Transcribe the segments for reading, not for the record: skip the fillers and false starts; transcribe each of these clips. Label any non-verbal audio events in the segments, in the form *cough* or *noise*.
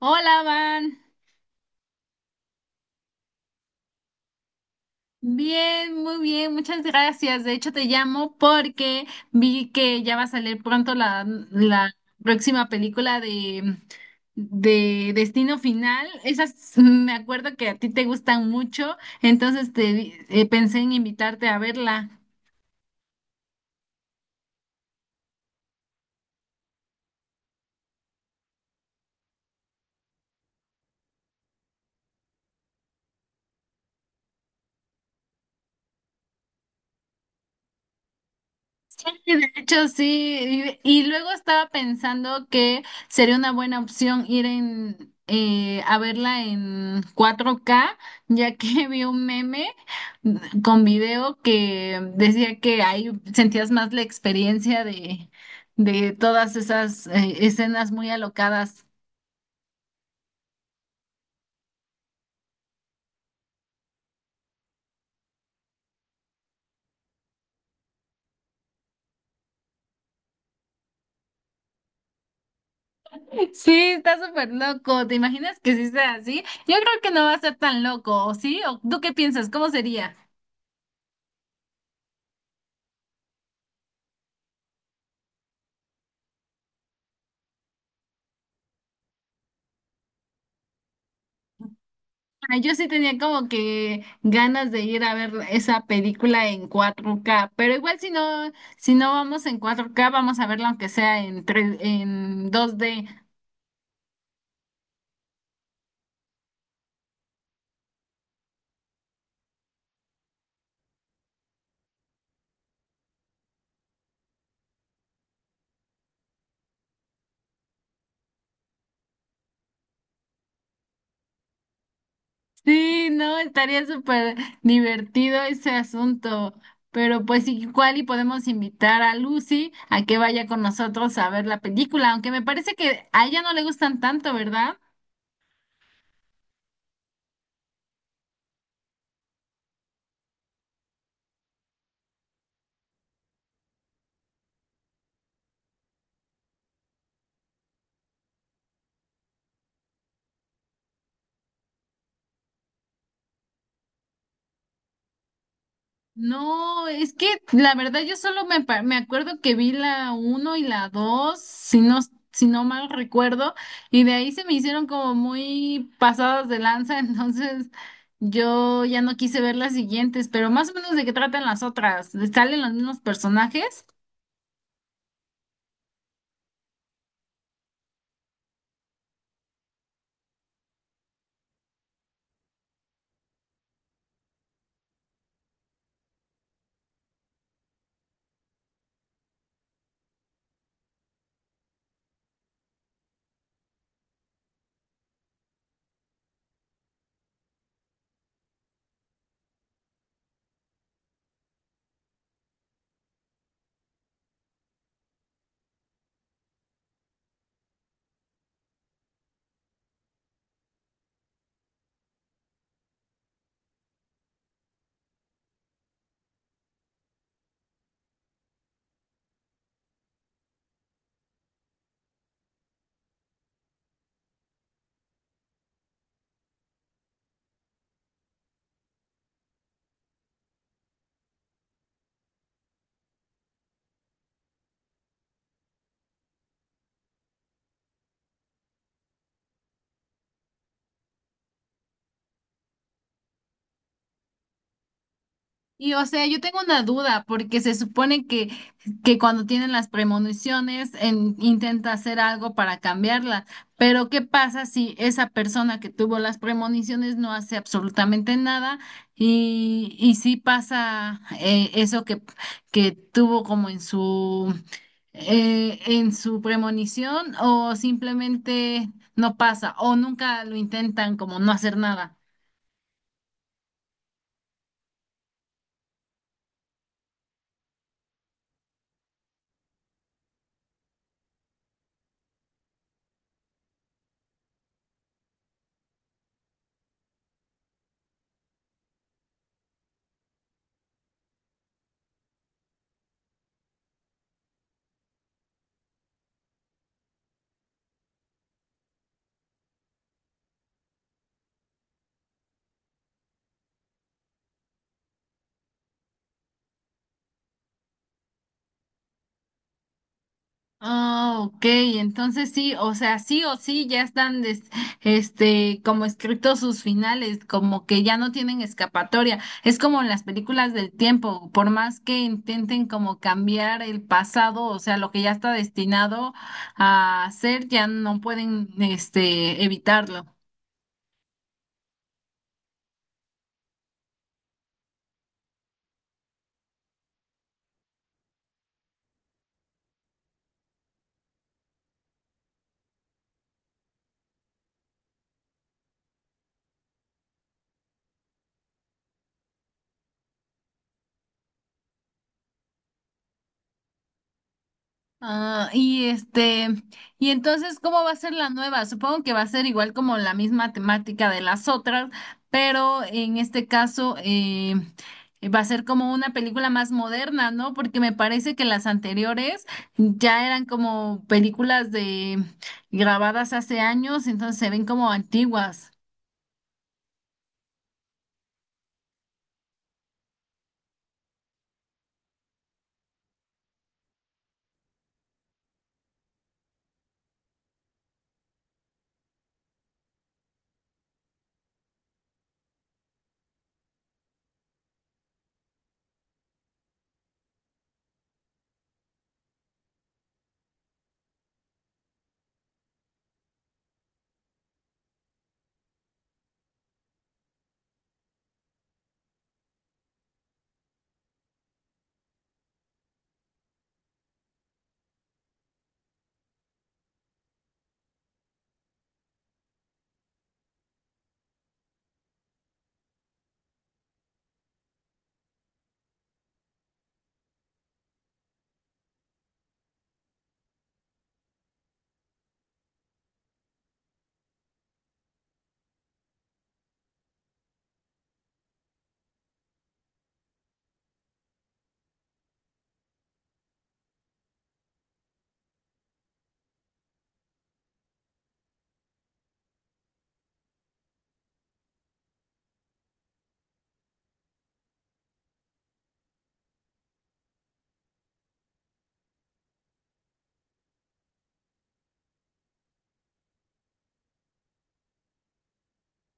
Hola, Van. Bien, muy bien, muchas gracias. De hecho, te llamo porque vi que ya va a salir pronto la próxima película de Destino Final. Esas me acuerdo que a ti te gustan mucho, entonces pensé en invitarte a verla. Sí, de hecho, sí, y luego estaba pensando que sería una buena opción ir a verla en 4K, ya que *laughs* vi un meme con video que decía que ahí sentías más la experiencia de todas esas escenas muy alocadas. Sí, está súper loco. ¿Te imaginas que sí sea así? Yo creo que no va a ser tan loco, ¿o sí? ¿O tú qué piensas? ¿Cómo sería? Ah, yo sí tenía como que ganas de ir a ver esa película en 4K, pero igual si no vamos en 4K vamos a verla aunque sea en 3 en 2D. Sí, no, estaría súper divertido ese asunto, pero pues igual y podemos invitar a Lucy a que vaya con nosotros a ver la película, aunque me parece que a ella no le gustan tanto, ¿verdad? No, es que la verdad yo solo me acuerdo que vi la uno y la 2, si no mal recuerdo, y de ahí se me hicieron como muy pasadas de lanza, *laughs* entonces yo ya no quise ver las siguientes, pero más o menos de qué tratan las otras, ¿salen los mismos personajes? Y o sea, yo tengo una duda, porque se supone que, cuando tienen las premoniciones intenta hacer algo para cambiarla, pero ¿qué pasa si esa persona que tuvo las premoniciones no hace absolutamente nada y sí pasa eso que tuvo como en su premonición o simplemente no pasa o nunca lo intentan como no hacer nada? Ah, ok, entonces sí, o sea, sí o sí ya están este como escritos sus finales, como que ya no tienen escapatoria. Es como en las películas del tiempo, por más que intenten como cambiar el pasado, o sea, lo que ya está destinado a hacer, ya no pueden este evitarlo. Ah, y este, y entonces, ¿cómo va a ser la nueva? Supongo que va a ser igual como la misma temática de las otras, pero en este caso va a ser como una película más moderna, ¿no? Porque me parece que las anteriores ya eran como películas de grabadas hace años, entonces se ven como antiguas.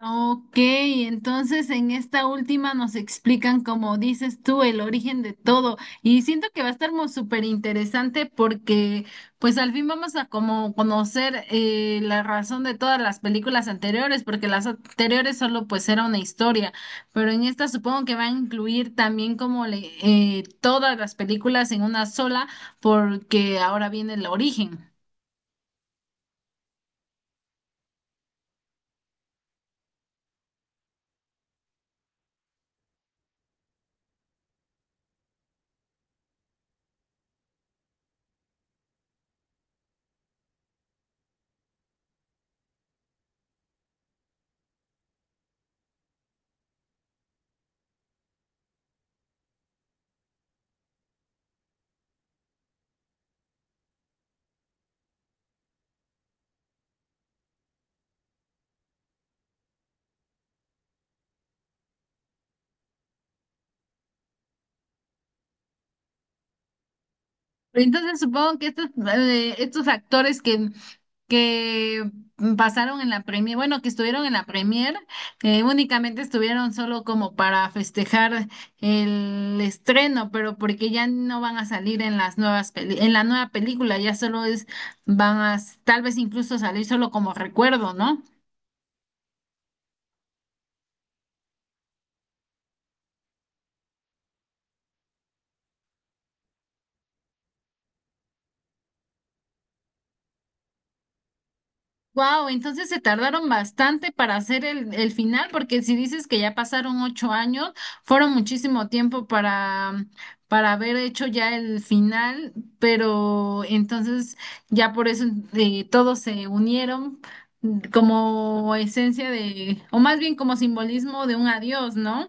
Ok, entonces en esta última nos explican, como dices tú, el origen de todo. Y siento que va a estar muy súper interesante porque pues al fin vamos a como conocer la razón de todas las películas anteriores, porque las anteriores solo pues era una historia, pero en esta supongo que va a incluir también como todas las películas en una sola porque ahora viene el origen. Entonces supongo que estos actores que, pasaron en la premier, bueno, que estuvieron en la premier, únicamente estuvieron solo como para festejar el estreno, pero porque ya no van a salir en las en la nueva película, ya solo es, tal vez incluso salir solo como recuerdo, ¿no? Wow, entonces se tardaron bastante para hacer el final, porque si dices que ya pasaron 8 años, fueron muchísimo tiempo para haber hecho ya el final, pero entonces ya por eso todos se unieron como esencia de, o más bien como simbolismo de un adiós, ¿no?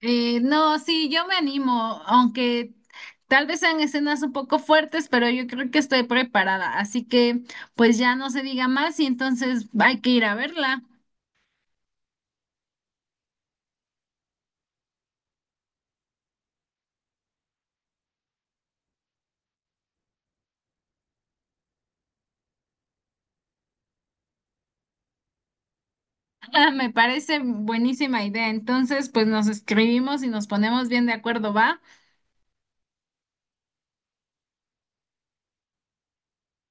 No, sí, yo me animo, aunque tal vez sean escenas un poco fuertes, pero yo creo que estoy preparada, así que pues ya no se diga más y entonces hay que ir a verla. *laughs* Me parece buenísima idea, entonces pues nos escribimos y nos ponemos bien de acuerdo, ¿va?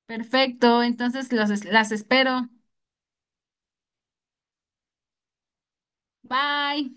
Perfecto, entonces las espero. Bye.